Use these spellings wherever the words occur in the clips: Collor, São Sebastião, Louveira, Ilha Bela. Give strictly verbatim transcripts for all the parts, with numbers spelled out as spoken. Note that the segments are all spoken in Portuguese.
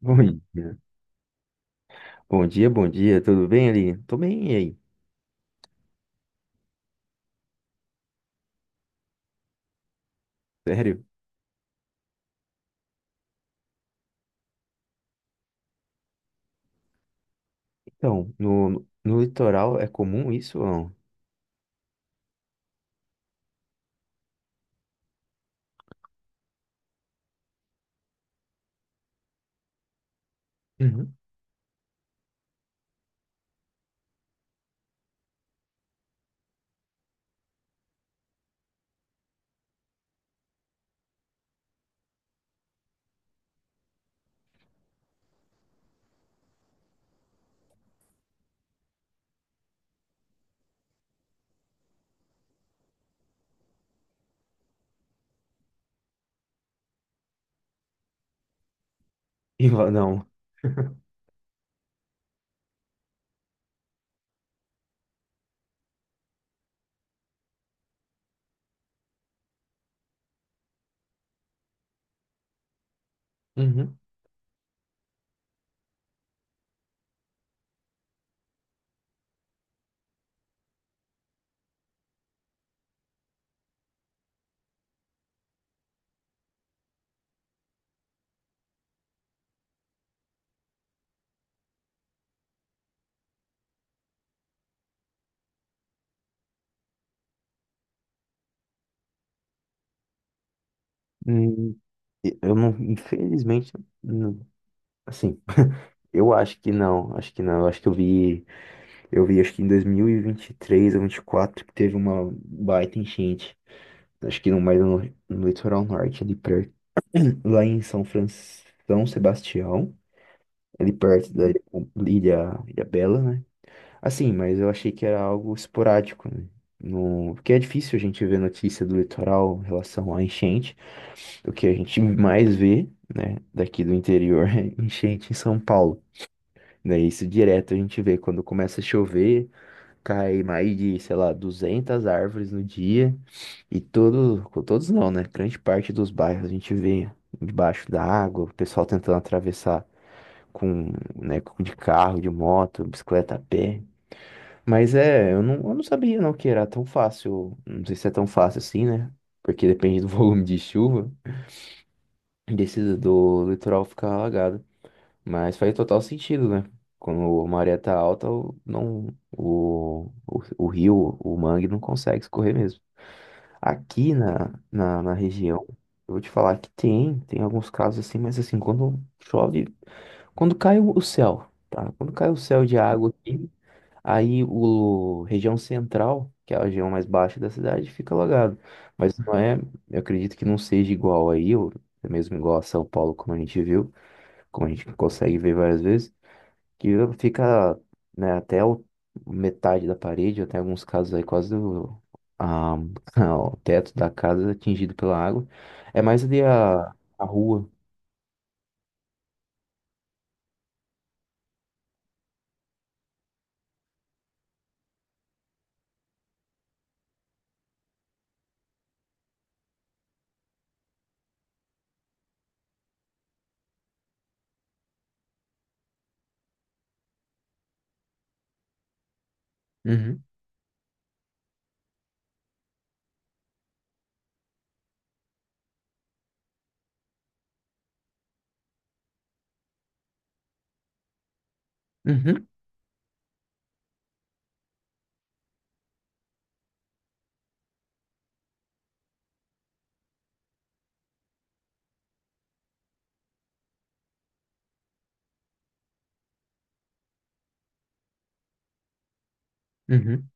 Bom dia. Bom dia, bom dia. Tudo bem, ali? Tô bem, e aí? Sério? Então, no, no litoral é comum isso ou não? Uhum. E lá não. Uhum. Hum, eu não, infelizmente, não- assim, eu acho que não, acho que não. Eu acho que eu vi, eu vi acho que em dois mil e vinte e três ou vinte e quatro que teve uma baita enchente. Acho que no mais no, no litoral norte, ali perto, lá em São Fran, São Sebastião, ali perto da Ilha Ilha Bela, né? Assim, mas eu achei que era algo esporádico, né? No... Porque é difícil a gente ver notícia do litoral em relação à enchente. O que a gente mais vê, né, daqui do interior é enchente em São Paulo. Né? Isso direto a gente vê quando começa a chover, cai mais de, sei lá, duzentas árvores no dia. E todo, todos não, né? Grande parte dos bairros a gente vê debaixo da água, o pessoal tentando atravessar com, né, com- de carro, de moto, bicicleta a pé. Mas é, eu não, eu não sabia não que era tão fácil. Não sei se é tão fácil assim, né? Porque depende do volume de chuva, desse do litoral ficar alagado. Mas faz total sentido, né? Quando a maré tá alta, o- não, o, o, o rio, o mangue não consegue escorrer mesmo. Aqui na, na, na região, eu vou te falar que tem, tem alguns casos assim, mas assim, quando chove, quando cai o o céu, tá? Quando cai o céu de água aqui, aí o região central, que é a região mais baixa da cidade, fica alagado. Mas não é, eu acredito que não seja igual aí, ou é mesmo igual a São Paulo, como a gente viu, como a gente consegue ver várias vezes, que fica, né, até o- metade da parede, até alguns casos aí quase o, a- o teto da casa é atingido pela água. É mais ali a, a rua. Uhum, uhum, uhum,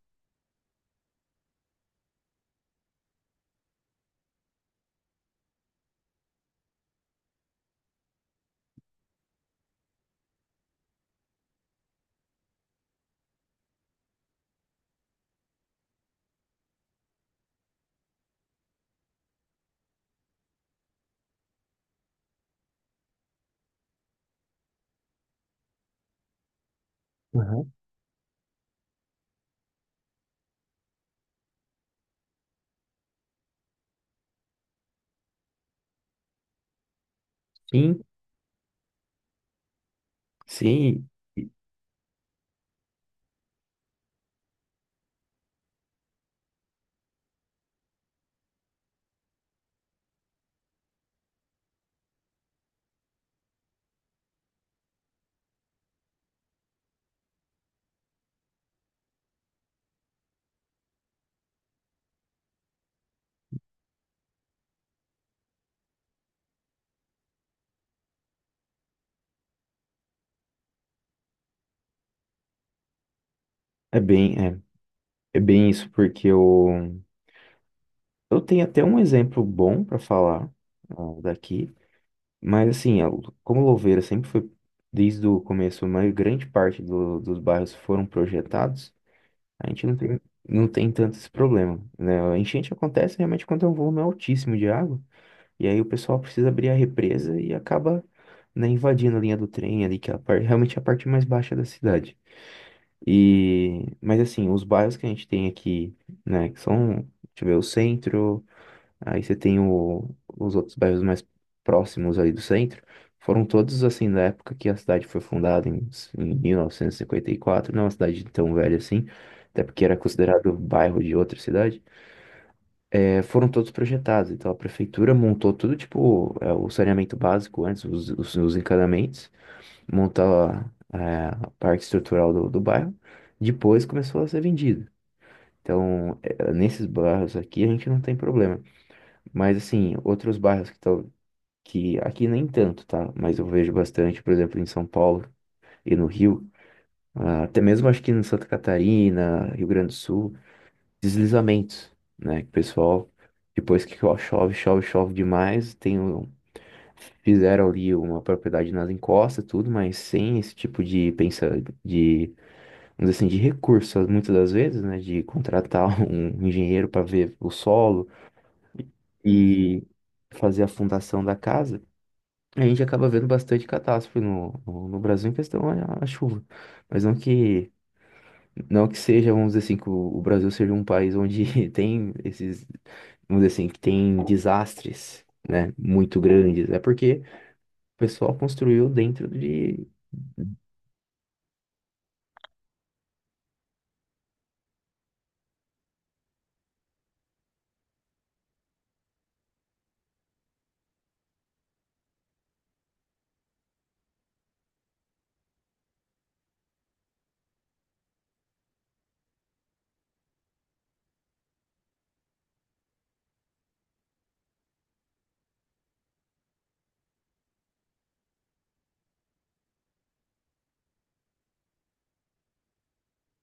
uhum. Sim, sim, é bem, é, é bem isso, porque o eu tenho até um exemplo bom para falar, ah, daqui, mas assim, eu- como Louveira sempre foi, desde o começo, uma grande parte do- dos bairros foram projetados, a gente não tem, não tem tanto esse problema, né? A enchente acontece realmente quando é um volume altíssimo de água, e aí o pessoal precisa abrir a represa e acaba, né, invadindo a linha do trem ali, que é a parte, realmente é a parte mais baixa da cidade. E, mas assim, os bairros que a gente tem aqui, né, que são, deixa eu ver, o centro. Aí você tem o- os outros bairros mais próximos ali do centro. Foram todos assim da época que a cidade foi fundada em, em mil novecentos e cinquenta e quatro, não é uma cidade tão velha assim, até porque era considerado bairro de outra cidade. É, foram todos projetados, então a prefeitura montou tudo, tipo, é, o saneamento básico antes, os, os, os encanamentos, montou a, é, a parte estrutural do, do bairro, depois começou a ser vendido. Então, é, nesses bairros aqui a gente não tem problema. Mas assim, outros bairros que que aqui nem tanto, tá? Mas eu vejo bastante, por exemplo, em São Paulo e no Rio, ah, até mesmo acho que em Santa Catarina, Rio Grande do Sul, deslizamentos, né? Que o pessoal, depois que cho- chove, chove, chove demais, tem um- fizeram ali uma propriedade nas encostas, tudo, mas sem esse tipo de pensa de, vamos dizer assim, de recursos, muitas das vezes, né? De contratar um engenheiro para ver o solo e fazer a fundação da casa. A gente acaba vendo bastante catástrofe no, no, no Brasil em questão à, à chuva. Mas não que, não que seja, vamos dizer assim, que o, o Brasil seja um país onde tem esses, vamos dizer assim, que tem desastres, né, muito grandes. É porque o pessoal construiu dentro de...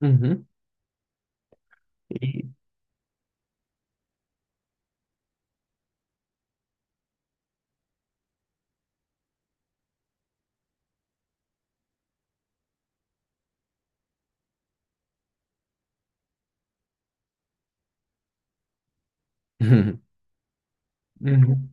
Uhum, de- uhum,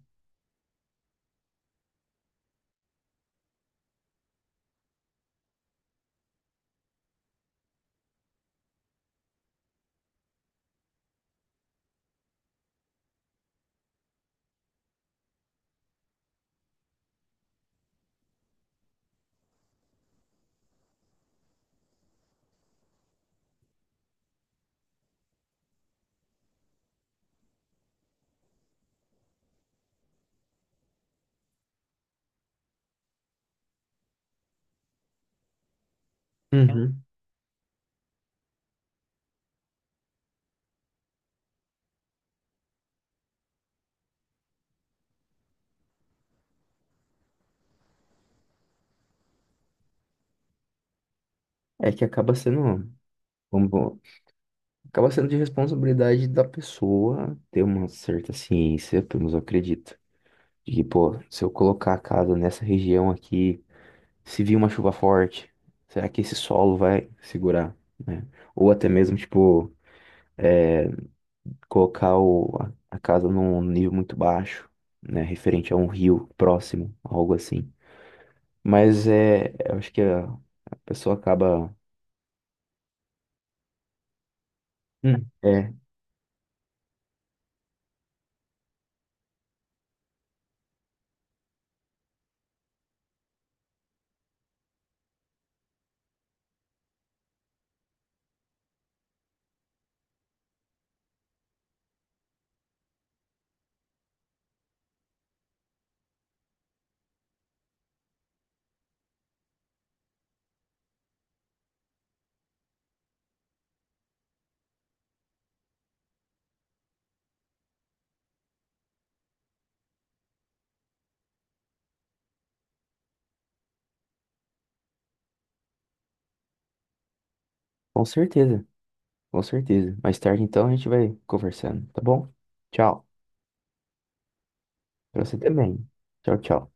uhum. É que acaba sendo, vamos, vamos- acaba sendo de responsabilidade da pessoa ter uma certa ciência, pelo menos eu acredito. De que, pô, se eu colocar a casa nessa região aqui... se vir uma chuva forte, será que esse solo vai segurar, né? Ou até mesmo, tipo, é, colocar o, a a casa num nível muito baixo, né? Referente a um rio próximo, algo assim. Mas é, eu acho que a, a pessoa acaba. Hum. É, com certeza, com certeza. Mais tarde, então, a gente vai conversando, tá bom? Tchau. Pra você também. Tchau, tchau.